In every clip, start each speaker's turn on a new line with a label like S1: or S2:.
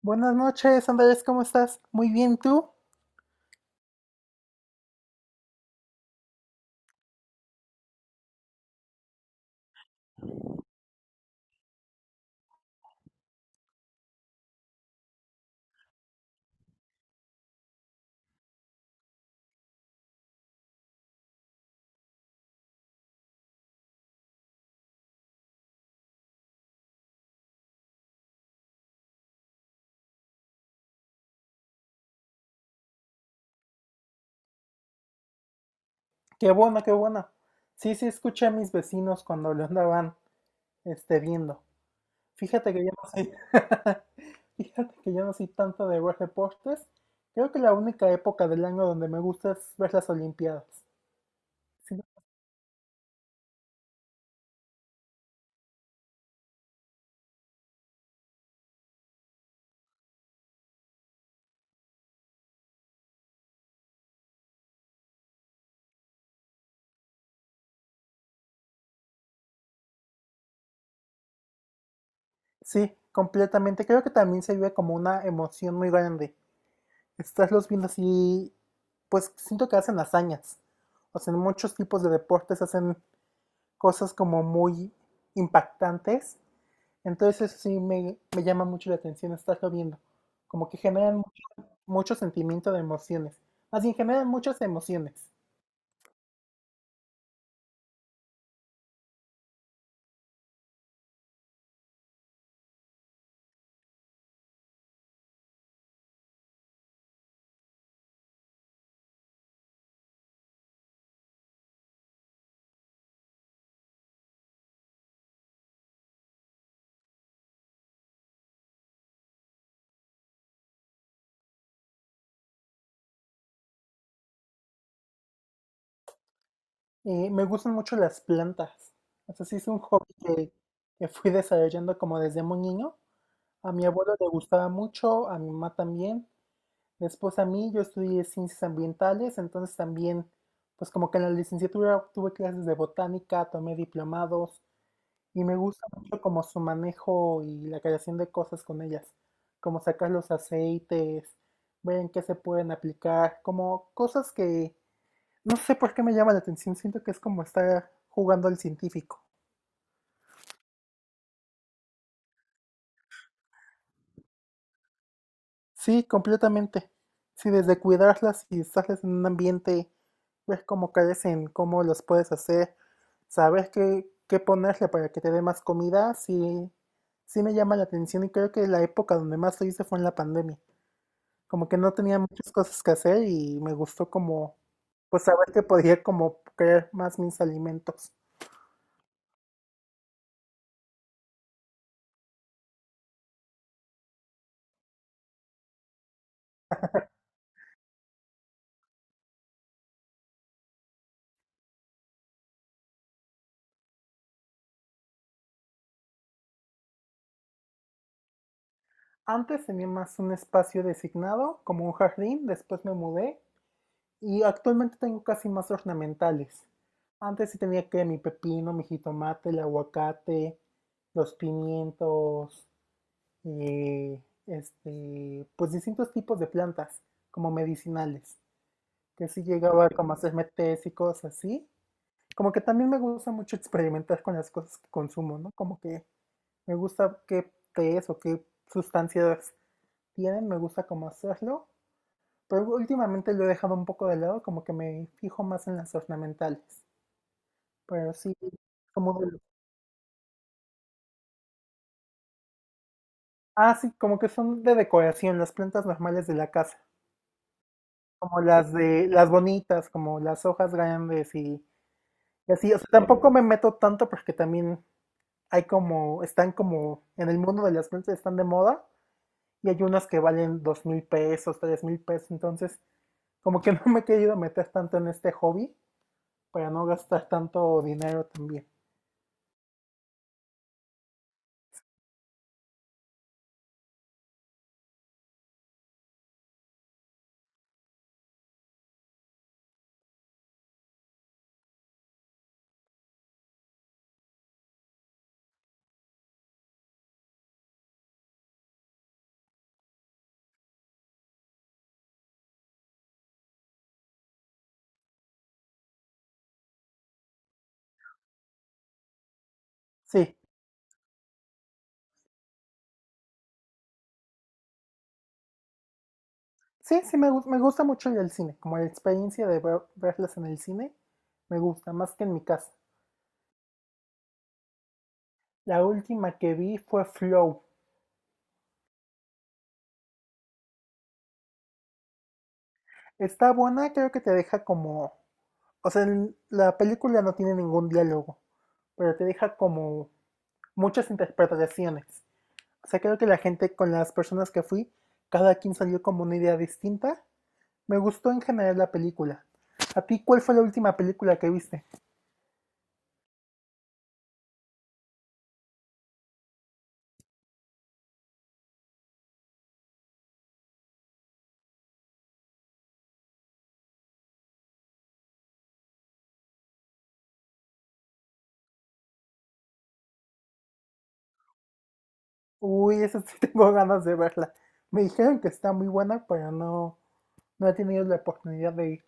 S1: Buenas noches, Andrés, ¿cómo estás? Muy bien, ¿tú? Qué bueno, qué bueno. Sí, sí, escuché a mis vecinos cuando lo andaban, viendo. Fíjate que yo no soy, fíjate que yo no soy tanto de ver deportes. Creo que la única época del año donde me gusta es ver las Olimpiadas. Sí, ¿no? Sí, completamente. Creo que también se vive como una emoción muy grande. Estás los viendo así, pues siento que hacen hazañas. O sea, en muchos tipos de deportes hacen cosas como muy impactantes. Entonces eso sí me llama mucho la atención estarlo viendo. Como que generan mucho, mucho sentimiento de emociones. Más bien generan muchas emociones. Me gustan mucho las plantas. O sea, sí es un que fui desarrollando como desde muy niño. A mi abuelo le gustaba mucho, a mi mamá también. Después a mí, yo estudié ciencias ambientales, entonces también, pues como que en la licenciatura tuve clases de botánica, tomé diplomados. Y me gusta mucho como su manejo y la creación de cosas con ellas, como sacar los aceites, ver en qué se pueden aplicar, como cosas que no sé por qué me llama la atención, siento que es como estar jugando al científico. Sí, completamente. Sí, desde cuidarlas y estarles en un ambiente, ver cómo carecen, cómo los puedes hacer, saber qué ponerle para que te dé más comida, sí, sí me llama la atención y creo que la época donde más lo hice fue en la pandemia. Como que no tenía muchas cosas que hacer y me gustó como, pues saber que podía como crear más mis alimentos. Antes tenía más un espacio designado, como un jardín, después me mudé y actualmente tengo casi más ornamentales. Antes sí tenía que mi pepino, mi jitomate, el aguacate, los pimientos, eh, pues distintos tipos de plantas como medicinales, que sí llegaba como a hacerme tés y cosas así, como que también me gusta mucho experimentar con las cosas que consumo, ¿no? Como que me gusta qué es o qué sustancias tienen, me gusta cómo hacerlo, pero últimamente lo he dejado un poco de lado, como que me fijo más en las ornamentales, pero sí, como de- ah, sí, como que son de decoración, las plantas normales de la casa, como las de las bonitas, como las hojas grandes y así, o sea, tampoco me meto tanto porque también hay como, están como en el mundo de las plantas están de moda y hay unas que valen $2000, $3000, entonces como que no me he querido meter tanto en este hobby para no gastar tanto dinero también. Sí, sí, me gusta mucho ir al cine, como la experiencia de verlas en el cine, me gusta más que en mi casa. La última que vi fue Flow. Está buena, creo que te deja como… O sea, la película no tiene ningún diálogo, pero te deja como muchas interpretaciones. O sea, creo que la gente con las personas que fui, cada quien salió como una idea distinta. Me gustó en general la película. ¿A ti cuál fue la última película que viste? Uy, esa sí tengo ganas de verla. Me dijeron que está muy buena, pero no, no he tenido la oportunidad de ir.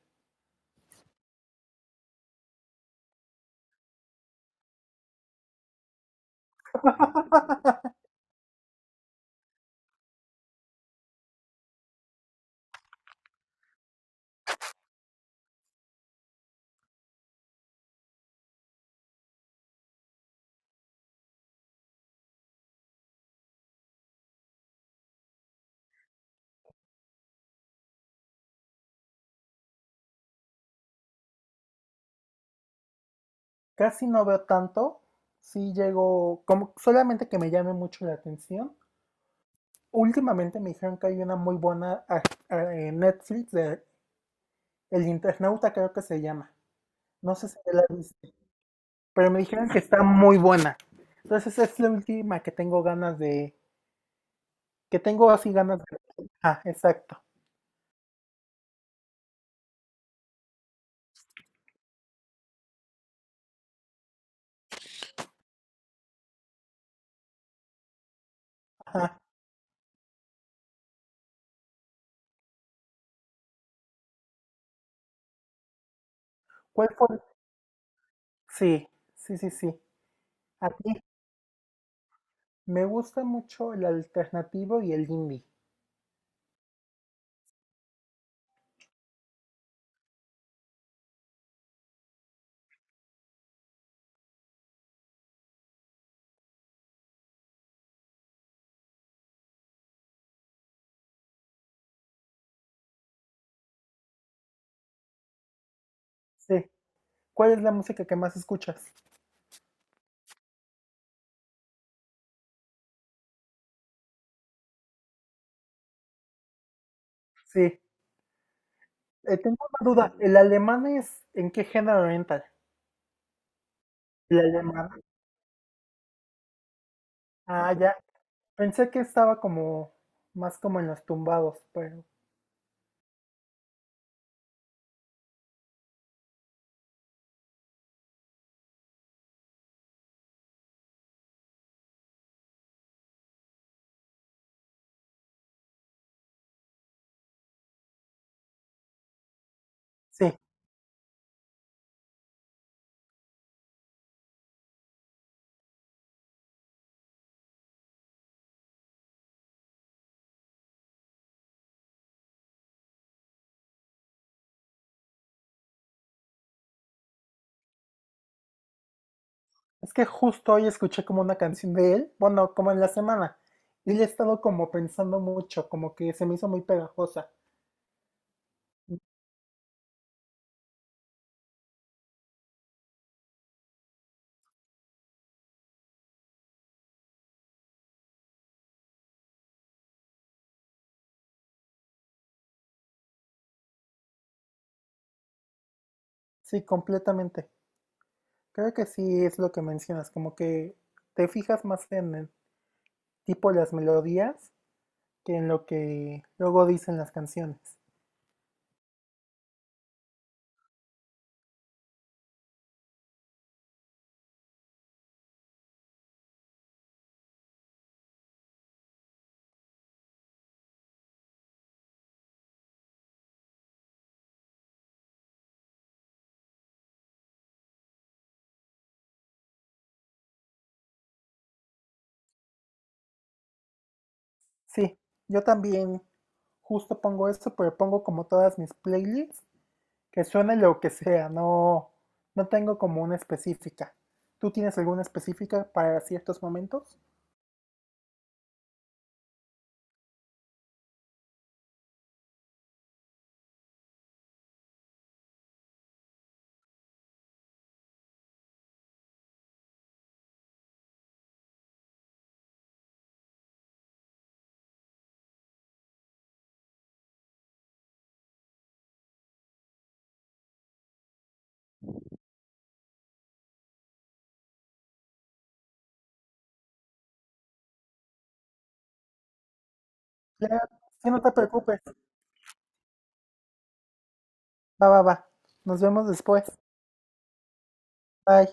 S1: Casi no veo tanto. Sí llego, como solamente que me llame mucho la atención. Últimamente me dijeron que hay una muy buena en Netflix de El Internauta, creo que se llama. No sé si la viste. Pero me dijeron que está muy buena. Entonces es la última que tengo ganas de, que tengo así ganas de… Ah, exacto. Ajá. ¿Cuál fue? Sí, sí, sí, sí. A ti me gusta mucho el alternativo y el indie. Sí. ¿Cuál es la música que más escuchas? Sí. Tengo una duda. ¿El alemán es en qué género oriental? El alemán. Ah, ya. Pensé que estaba como más como en los tumbados, pero sí. Es que justo hoy escuché como una canción de él, bueno, como en la semana, y le he estado como pensando mucho, como que se me hizo muy pegajosa. Sí, completamente. Creo que sí es lo que mencionas, como que te fijas más en el tipo de las melodías que en lo que luego dicen las canciones. Sí, yo también justo pongo eso, pero pongo como todas mis playlists, que suene lo que sea, no, no tengo como una específica. ¿Tú tienes alguna específica para ciertos momentos? Ya, ya no te preocupes. Va, va, va. Nos vemos después. Bye.